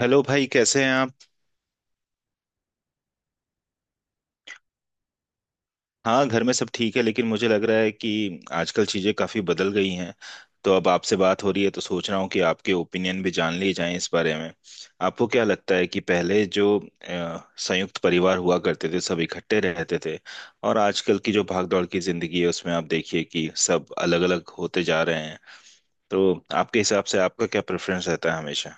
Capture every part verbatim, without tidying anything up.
Hello भाई, कैसे हैं आप। हाँ घर में सब ठीक है, लेकिन मुझे लग रहा है कि आजकल चीज़ें काफ़ी बदल गई हैं। तो अब आपसे बात हो रही है, तो सोच रहा हूँ कि आपके ओपिनियन भी जान लिए जाएं इस बारे में। आपको क्या लगता है कि पहले जो अ, संयुक्त परिवार हुआ करते थे, सब इकट्ठे रहते थे, और आजकल की जो भागदौड़ की ज़िंदगी है उसमें आप देखिए कि सब अलग-अलग होते जा रहे हैं। तो आपके हिसाब से आपका क्या प्रेफरेंस रहता है हमेशा।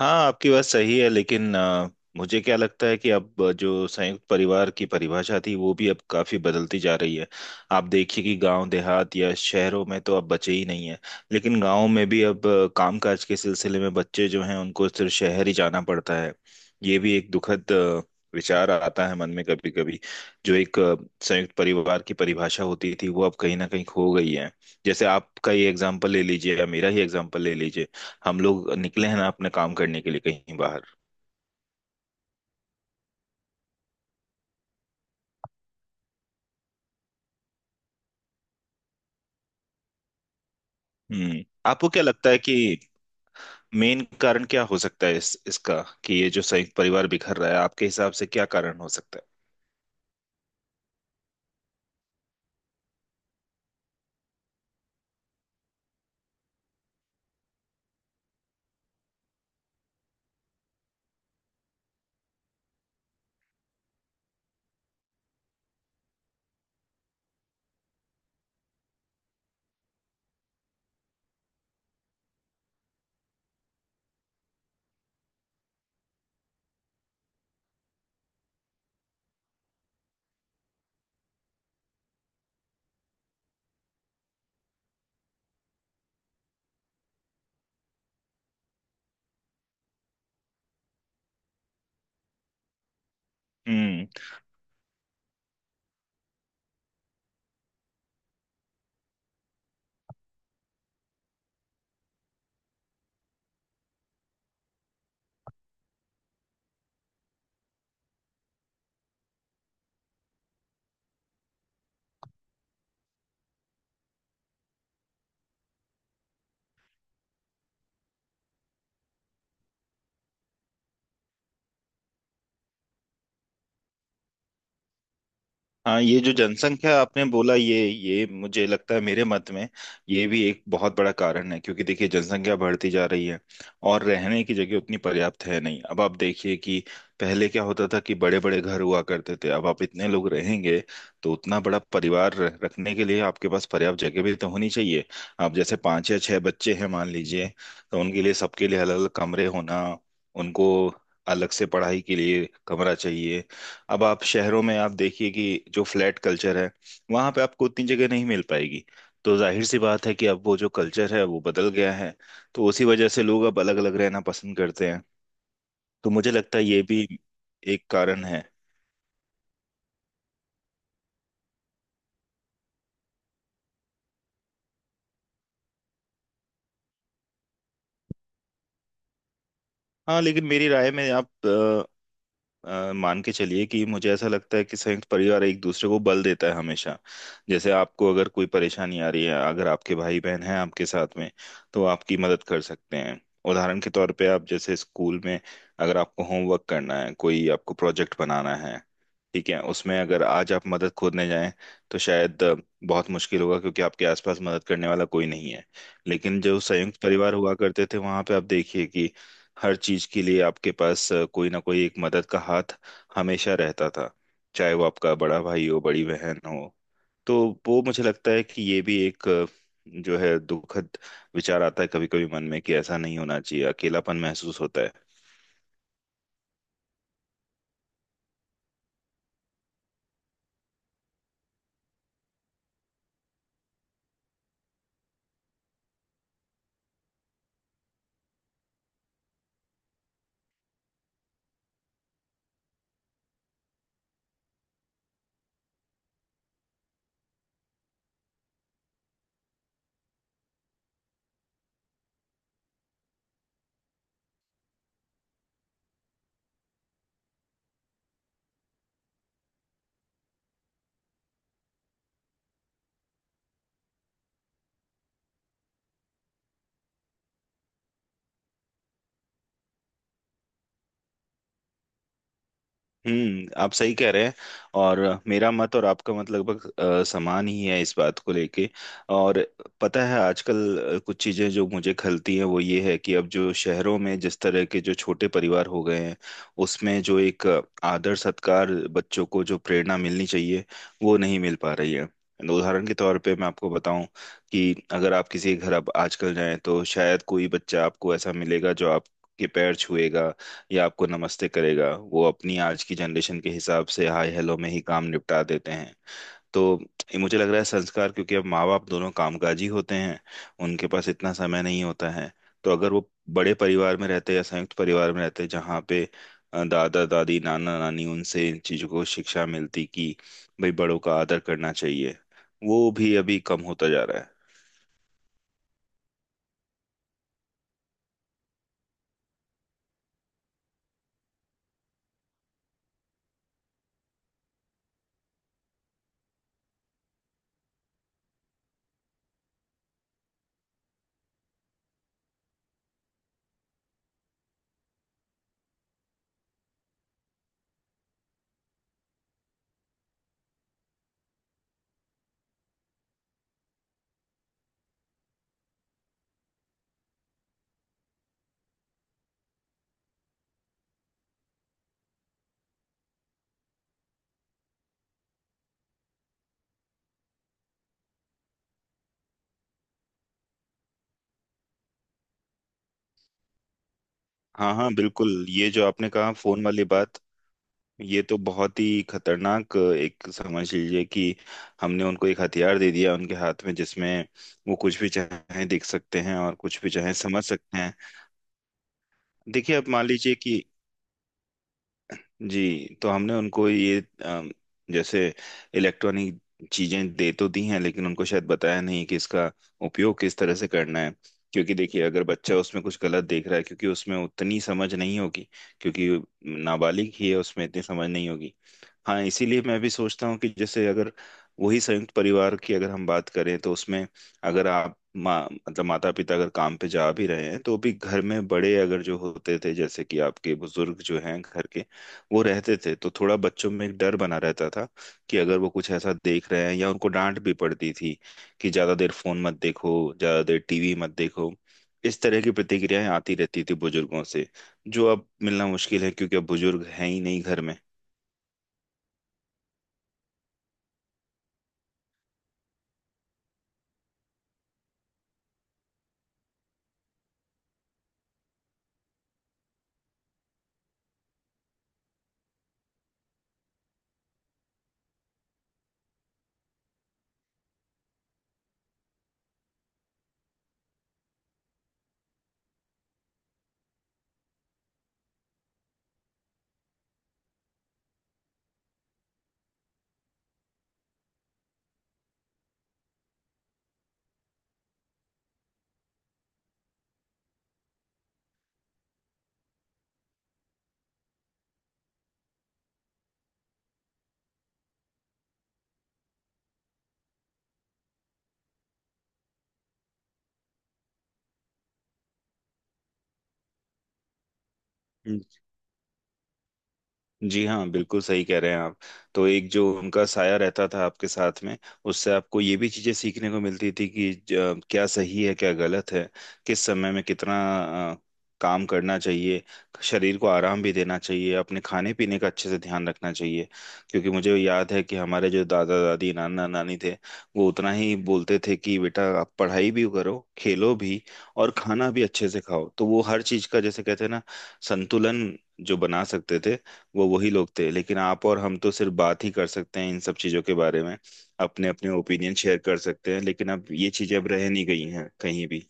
हाँ, आपकी बात सही है, लेकिन अ, मुझे क्या लगता है कि अब जो संयुक्त परिवार की परिभाषा थी, वो भी अब काफी बदलती जा रही है। आप देखिए कि गांव देहात या शहरों में तो अब बचे ही नहीं है। लेकिन गांव में भी अब अ, कामकाज के सिलसिले में बच्चे जो हैं उनको सिर्फ शहर ही जाना पड़ता है। ये भी एक दुखद अ, विचार आता है मन में कभी कभी। जो एक अ, संयुक्त परिवार की परिभाषा होती थी, वो अब कहीं ना कहीं खो गई है। जैसे आपका ही एग्जाम्पल ले लीजिए या मेरा ही एग्जाम्पल ले लीजिए। हम लोग निकले हैं ना अपने काम करने के लिए कहीं बाहर। हम्म। आपको क्या लगता है कि मेन कारण क्या हो सकता है इस इसका कि ये जो संयुक्त परिवार बिखर रहा है, आपके हिसाब से क्या कारण हो सकता है। हाँ, ये जो जनसंख्या आपने बोला, ये ये मुझे लगता है मेरे मत में ये भी एक बहुत बड़ा कारण है, क्योंकि देखिए जनसंख्या बढ़ती जा रही है और रहने की जगह उतनी पर्याप्त है नहीं। अब आप देखिए कि पहले क्या होता था कि बड़े बड़े घर हुआ करते थे। अब आप इतने लोग रहेंगे तो उतना बड़ा परिवार रह- रखने के लिए आपके पास पर्याप्त जगह भी तो होनी चाहिए। आप जैसे पांच या छह बच्चे हैं मान लीजिए, तो उनके लिए, सबके लिए अलग अलग कमरे होना, उनको अलग से पढ़ाई के लिए कमरा चाहिए। अब आप शहरों में आप देखिए कि जो फ्लैट कल्चर है, वहां पे आपको उतनी जगह नहीं मिल पाएगी। तो जाहिर सी बात है कि अब वो जो कल्चर है वो बदल गया है। तो उसी वजह से लोग अब अलग अलग रहना पसंद करते हैं। तो मुझे लगता है ये भी एक कारण है। हाँ लेकिन मेरी राय में आप अ, मान के चलिए कि मुझे ऐसा लगता है कि संयुक्त परिवार एक दूसरे को बल देता है हमेशा। जैसे आपको अगर कोई परेशानी आ रही है, अगर आपके भाई बहन हैं आपके साथ में, तो आपकी मदद कर सकते हैं। उदाहरण के तौर पे आप जैसे स्कूल में अगर आपको होमवर्क करना है, कोई आपको प्रोजेक्ट बनाना है, ठीक है, उसमें अगर आज आप मदद खोजने जाएं तो शायद अ, बहुत मुश्किल होगा, क्योंकि आपके आसपास मदद करने वाला कोई नहीं है। लेकिन जो संयुक्त परिवार हुआ करते थे, वहां पे आप देखिए कि हर चीज के लिए आपके पास अ, कोई ना कोई एक मदद का हाथ हमेशा रहता था, चाहे वो आपका बड़ा भाई हो, बड़ी बहन हो। तो वो मुझे लगता है कि ये भी एक अ, जो है दुखद विचार आता है कभी कभी मन में कि ऐसा नहीं होना चाहिए, अकेलापन महसूस होता है। हम्म, आप सही कह रहे हैं। और मेरा मत और आपका मत लगभग अ, समान ही है इस बात को लेके। और पता है आजकल अ, कुछ चीजें जो मुझे खलती है वो ये है कि अब जो शहरों में जिस तरह के जो छोटे परिवार हो गए हैं, उसमें जो एक अ, आदर सत्कार, बच्चों को जो प्रेरणा मिलनी चाहिए वो नहीं मिल पा रही है। उदाहरण के तौर पे मैं आपको बताऊं कि अगर आप किसी के घर अब आजकल जाएं तो शायद कोई बच्चा आपको ऐसा मिलेगा जो आपके पैर छुएगा या आपको नमस्ते करेगा। वो अपनी आज की जनरेशन के हिसाब से हाय हेलो में ही काम निपटा देते हैं। तो ये मुझे लग रहा है संस्कार, क्योंकि अब माँ बाप दोनों कामकाजी होते हैं, उनके पास इतना समय नहीं होता है। तो अगर वो बड़े परिवार में रहते या संयुक्त परिवार में रहते, जहाँ पे अ, दादा दादी नाना नानी, उनसे इन चीज़ों को शिक्षा मिलती कि भाई बड़ों का आदर करना चाहिए, वो भी अभी कम होता जा रहा है। हाँ हाँ, बिल्कुल, ये जो आपने कहा फोन वाली बात, ये तो बहुत ही खतरनाक, एक समझ लीजिए कि हमने उनको एक हथियार दे दिया उनके हाथ में, जिसमें वो कुछ भी चाहे देख सकते हैं और कुछ भी चाहे समझ सकते हैं। देखिए अब मान लीजिए कि, जी, तो हमने उनको ये अम, जैसे इलेक्ट्रॉनिक चीजें दे तो दी हैं, लेकिन उनको शायद बताया नहीं कि इसका उपयोग किस तरह से करना है। क्योंकि देखिए अगर बच्चा उसमें कुछ गलत देख रहा है, क्योंकि उसमें उतनी समझ नहीं होगी, क्योंकि नाबालिग ही है, उसमें इतनी समझ नहीं होगी। हाँ, इसीलिए मैं भी सोचता हूँ कि जैसे अगर वही संयुक्त परिवार की अगर हम बात करें तो उसमें अगर आप माँ मतलब माता पिता अगर काम पे जा भी रहे हैं, तो भी घर में बड़े अगर जो होते थे, जैसे कि आपके बुजुर्ग जो हैं घर के, वो रहते थे, तो थोड़ा बच्चों में एक डर बना रहता था कि अगर वो कुछ ऐसा देख रहे हैं, या उनको डांट भी पड़ती थी कि ज्यादा देर फोन मत देखो, ज्यादा देर टीवी मत देखो। इस तरह की प्रतिक्रियाएं आती रहती थी बुजुर्गों से, जो अब मिलना मुश्किल है, क्योंकि अब बुजुर्ग हैं ही नहीं घर में। जी हाँ, बिल्कुल सही कह रहे हैं आप। तो एक जो उनका साया रहता था आपके साथ में, उससे आपको ये भी चीजें सीखने को मिलती थी कि ज- क्या सही है क्या गलत है, किस समय में कितना अ, काम करना चाहिए, शरीर को आराम भी देना चाहिए, अपने खाने पीने का अच्छे से ध्यान रखना चाहिए। क्योंकि मुझे याद है कि हमारे जो दादा दादी नाना नानी थे, वो उतना ही बोलते थे कि बेटा आप पढ़ाई भी करो, खेलो भी, और खाना भी अच्छे से खाओ। तो वो हर चीज का, जैसे कहते हैं ना, संतुलन जो बना सकते थे, वो वही लोग थे। लेकिन आप और हम तो सिर्फ बात ही कर सकते हैं इन सब चीज़ों के बारे में, अपने अपने ओपिनियन शेयर कर सकते हैं, लेकिन अब ये चीज़ें अब रह नहीं गई हैं कहीं भी।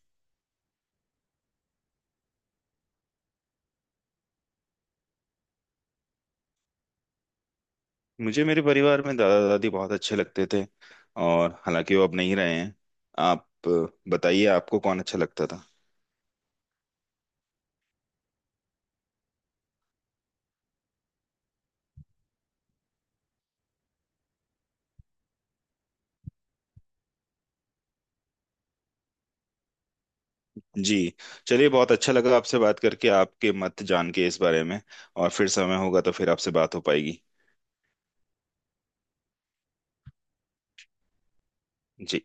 मुझे मेरे परिवार में दादा दादी बहुत अच्छे लगते थे, और हालांकि वो अब नहीं रहे हैं। आप अ, बताइए आपको कौन अच्छा लगता था। जी, चलिए बहुत अच्छा लगा आपसे बात करके, आपके मत जान के इस बारे में। और फिर समय होगा तो फिर आपसे बात हो पाएगी। जी।